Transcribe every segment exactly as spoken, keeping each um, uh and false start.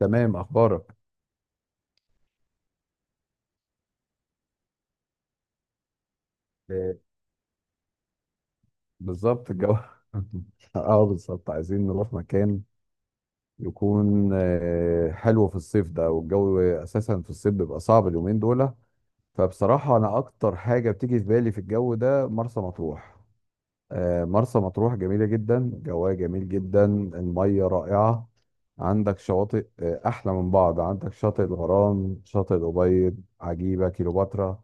تمام، اخبارك؟ آه، بالظبط الجو. اه بالظبط، عايزين نروح مكان يكون آه، حلو في الصيف ده. والجو اساسا في الصيف بيبقى صعب اليومين دول. فبصراحه انا اكتر حاجه بتيجي في بالي في الجو ده مرسى مطروح. آه، مرسى مطروح جميله جدا، جواها جميل جدا، الميه رائعه. عندك شواطئ آه، احلى من بعض. عندك شاطئ الغرام، شاطئ الابيض، عجيبه، كيلوباترا.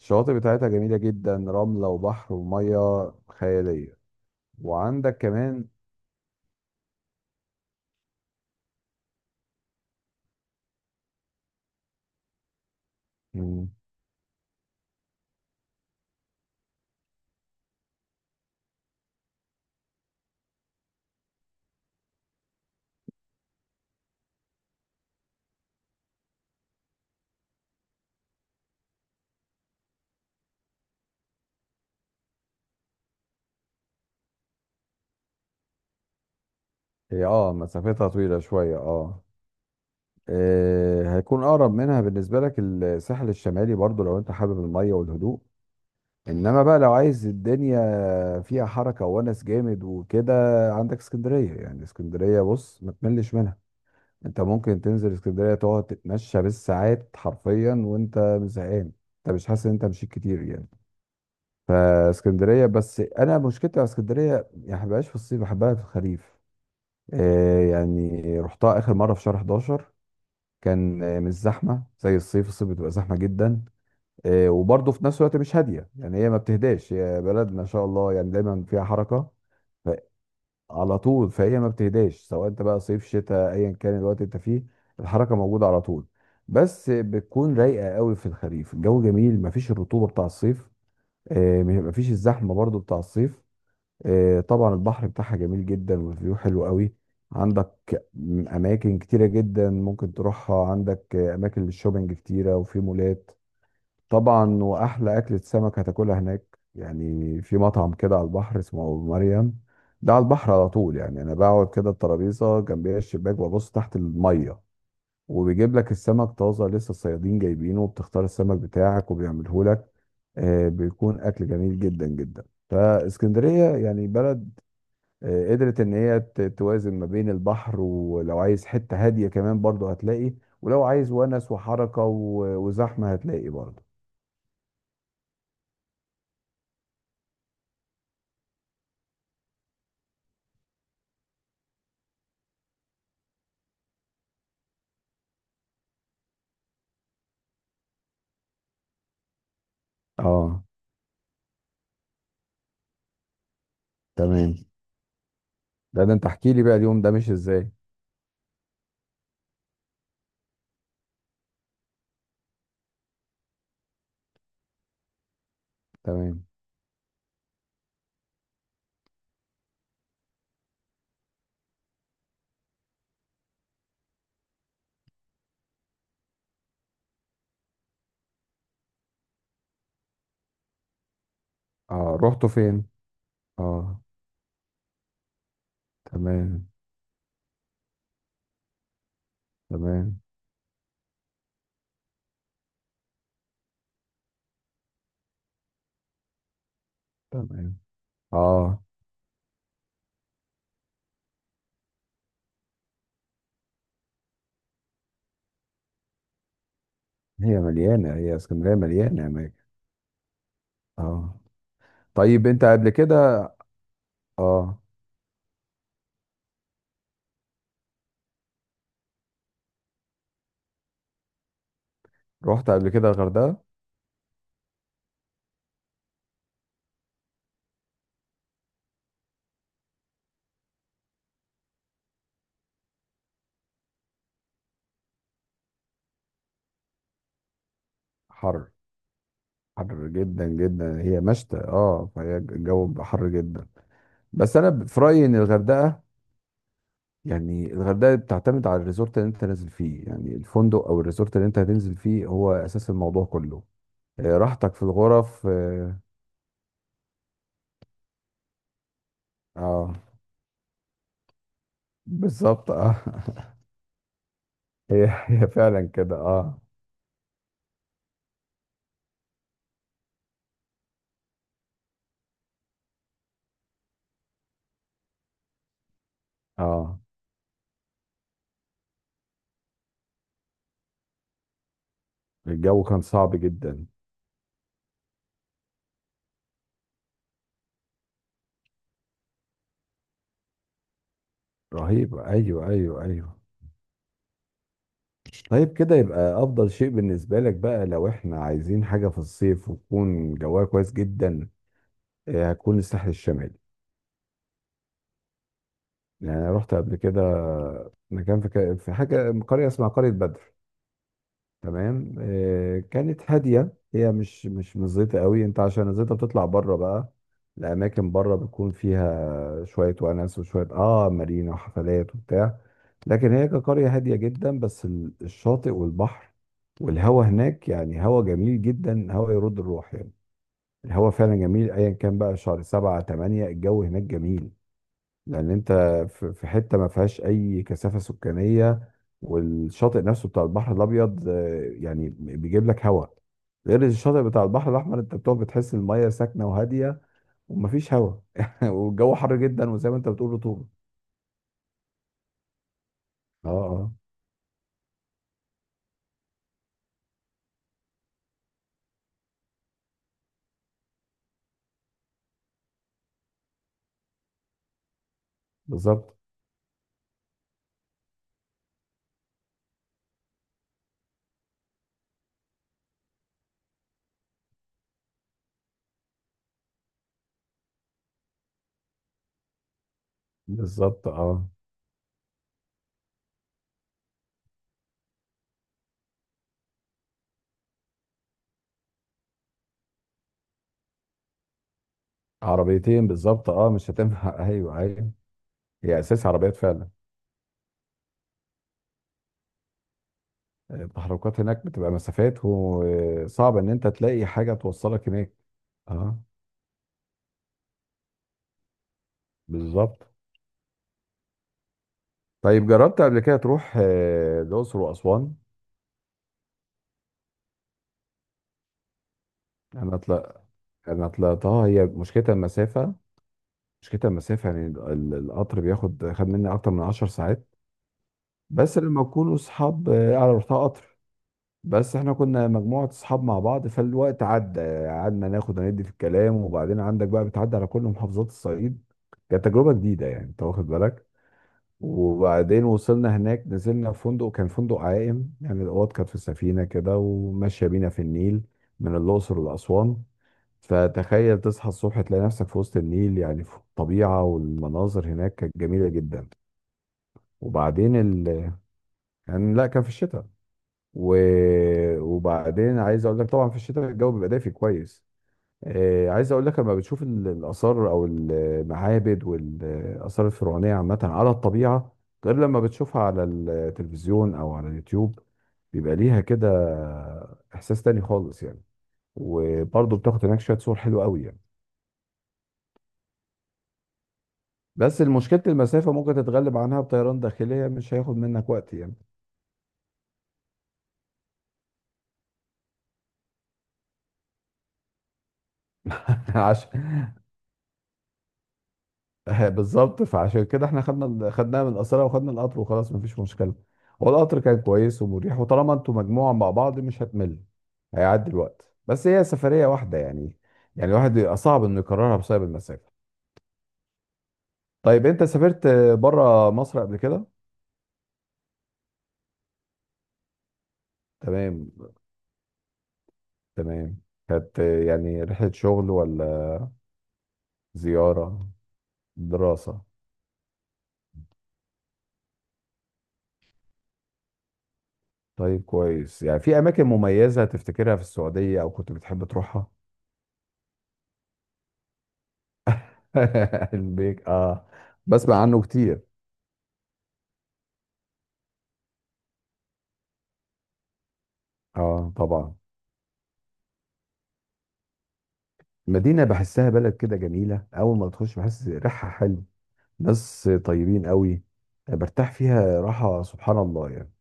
الشواطئ بتاعتها جميلة جدا، رملة وبحر ومية خيالية. وعندك كمان. مم، هي اه مسافتها طويلة شوية، اه. آه، هيكون أقرب منها بالنسبة لك الساحل الشمالي برضو، لو أنت حابب المية والهدوء. إنما بقى لو عايز الدنيا فيها حركة وونس جامد وكده، عندك اسكندرية. يعني اسكندرية بص ما تملش منها. أنت ممكن تنزل اسكندرية تقعد تتمشى بالساعات حرفيا وأنت مش زهقان. أنت مش حاسس إن أنت مشيت كتير يعني. فاسكندريه، بس انا مشكلتي مع اسكندريه يعني ما بحبهاش في الصيف، بحبها في الخريف. آه، يعني رحتها اخر مره في شهر احداشر. كان آه، مش زحمه زي الصيف. الصيف بتبقى زحمه جدا. آه، وبرضه في نفس الوقت مش هاديه. يعني هي ما بتهداش، هي بلد ما شاء الله، يعني دايما فيها حركه. ف- على طول. فهي ما بتهداش سواء انت بقى صيف شتاء ايا كان الوقت انت فيه. الحركه موجوده على طول. بس بتكون رايقه قوي في الخريف، الجو جميل، ما فيش الرطوبه بتاع الصيف. آه، ما فيش الزحمه برضو بتاع الصيف. آه، طبعا البحر بتاعها جميل جدا، والفيو حلو قوي. عندك م- اماكن كتيره جدا ممكن تروحها. عندك آه، اماكن للشوبينج كتيره، وفي مولات طبعا. واحلى اكله سمك هتاكلها هناك، يعني في مطعم كده على البحر اسمه ابو مريم. ده على البحر على طول، يعني انا بقعد كده الترابيزه جنبيها الشباك وابص تحت الميه، وبيجيب لك السمك طازه لسه الصيادين جايبينه، وبتختار السمك بتاعك وبيعمله لك. آه، بيكون اكل جميل جدا جدا. فاسكندريه يعني بلد آه، قدرت ان هي ت- توازن ما بين البحر، ولو عايز حتة هادية كمان برضه هتلاقي، ولو عايز ونس وحركة و- وزحمة هتلاقي برضه. اه تمام. ده ده انت احكي لي بقى اليوم ده مش ازاي؟ تمام. اه، رحتوا فين؟ اه. تمام. تمام. تمام. اه، هي مليانة هي اسكندرية مليانة اماكن. اه. طيب، انت قبل كده اه، رحت قبل كده الغردقة؟ حر. حر جدا جدا، هي مشتى اه، فهي الجو حر جدا. بس انا ب- في رايي ان الغردقه، يعني الغردقه بتعتمد على الريزورت اللي انت نازل فيه. يعني الفندق او الريزورت اللي انت هتنزل فيه هو اساس الموضوع كله. آه، راحتك في الغرف اه. آه، بالظبط اه. هي هي فعلا كده اه. اه. الجو كان صعب جدا. رهيب، ايوه ايوه ايوه. طيب، كده يبقى افضل شيء بالنسبه لك بقى لو احنا عايزين حاجه في الصيف وتكون جواها كويس جدا آه، هتكون الساحل الشمالي. يعني أنا رحت قبل كده مكان في ك- في حاجة قرية اسمها قرية بدر. تمام، آه، كانت هادية. هي مش مش مزيتة قوي، انت عشان الزيطة بتطلع بره بقى. الأماكن بره بتكون فيها شوية ونس وشوية اه، مارينا وحفلات وبتاع. لكن هي كقرية هادية جدا، بس ال- الشاطئ والبحر والهوا هناك، يعني هوا جميل جدا، هوا يرد الروح يعني. الهوا فعلا جميل ايا كان بقى شهر سبعة تمانية، الجو هناك جميل. لان انت في في حته ما فيهاش اي كثافه سكانيه. والشاطئ نفسه بتاع البحر الابيض آه، يعني بيجيب لك هواء، غير الشاطئ بتاع البحر الاحمر، انت بتقعد بتحس الميه ساكنه وهاديه ومفيش هواء. والجو حر جدا، وزي ما انت بتقول رطوبه. اه اه. بالظبط، بالظبط اه. عربيتين بالظبط اه، مش هتنفع. ايوه ايوه. هي اساس عربيات فعلا. التحركات هناك بتبقى مسافات، وصعب ان انت تلاقي حاجه توصلك هناك. اه بالظبط. طيب جربت قبل كده تروح آه، الأقصر وأسوان؟ أنا طلع أنا طلعتها، هي مشكلتها المسافة. مشكلتها المسافة، يعني ال- ال- القطر بياخد خد مني أكتر من عشر ساعات. بس لما كنا أصحاب آه، أنا رحتها قطر، بس إحنا كنا مجموعة أصحاب مع بعض فالوقت عدى. قعدنا ناخد وندي في الكلام، وبعدين عندك بقى بتعدي على كل محافظات الصعيد. كانت تجربة جديدة، يعني أنت واخد بالك. وبعدين وصلنا هناك نزلنا في فندق، كان فندق عائم، يعني الأوض كانت في سفينة كده وماشية بينا في النيل، من الأقصر لأسوان. فتخيل تصحى الصبح تلاقي نفسك في وسط النيل، يعني في الطبيعة. والمناظر هناك كانت جميلة جدا. وبعدين ال... كان، لا كان في الشتاء و... وبعدين عايز أقول لك طبعا في الشتاء الجو بيبقى دافي كويس. آه، عايز اقول لك لما بتشوف ال- الاثار او المعابد والاثار الفرعونيه عامه على الطبيعه، غير لما بتشوفها على التلفزيون او على اليوتيوب، بيبقى ليها كده احساس تاني خالص يعني. وبرضه بتاخد هناك شويه صور حلوه قوي يعني. بس مشكله المسافه ممكن تتغلب عنها بطيران داخليه، مش هياخد منك وقت يعني. عشان بالظبط. فعشان كده احنا خدنا ال- خدناها من قصرها وخدنا القطر وخلاص مفيش مشكله. هو القطر كان كويس ومريح، وطالما انتوا مجموعه مع بعض مش هتمل، هيعدي الوقت. بس هي سفريه واحده، يعني يعني الواحد يبقى صعب انه يكررها بسبب المسافه. طيب انت سافرت بره مصر قبل كده؟ تمام. تمام. كانت يعني رحله شغل ولا زياره؟ دراسه؟ طيب كويس. يعني في اماكن مميزه تفتكرها في السعوديه او كنت بتحب تروحها؟ علم بيك اه. بسمع عنه كتير. اه طبعا. مدينة بحسها بلد كده جميلة، أول ما تخش بحس ريحها حلو. ناس طيبين قوي. برتاح فيها راحة سبحان الله يعني.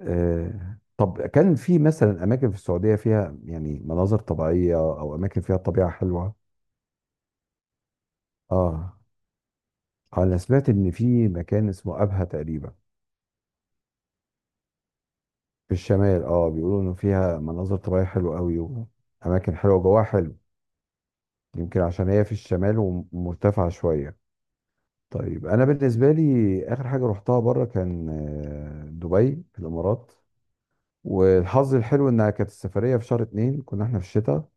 آه، طب كان في مثلا أماكن في السعودية فيها يعني مناظر طبيعية أو أماكن فيها طبيعة حلوة؟ اه أنا سمعت إن في مكان اسمه أبها تقريبا. في الشمال اه، بيقولوا إنه فيها مناظر طبيعية حلوة قوي، وأماكن حلوة جواها حلو. يمكن عشان هي في الشمال ومرتفعة شوية. طيب انا بالنسبه لي اخر حاجه رحتها بره كان آه، دبي في الامارات. والحظ الحلو انها كانت السفريه في شهر اتنين، كنا احنا في الشتاء.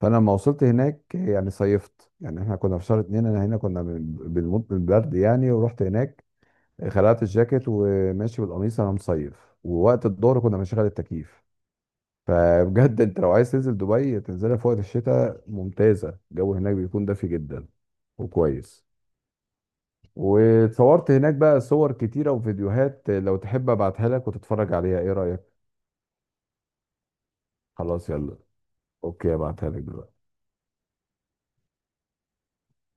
فانا لما وصلت هناك يعني صيفت. يعني احنا كنا في شهر اتنين، انا هنا كنا بن- بنموت من البرد يعني، ورحت هناك خلعت الجاكيت وماشي بالقميص، انا مصيف، ووقت الظهر كنا بنشغل التكييف. فبجد انت لو عايز تنزل دبي تنزلها في وقت الشتاء، ممتازه. الجو هناك بيكون دافي جدا وكويس. واتصورت هناك بقى صور كتيرة وفيديوهات، لو تحب ابعتها لك وتتفرج عليها، ايه رأيك؟ خلاص يلا. اوكي ابعتها لك دلوقتي.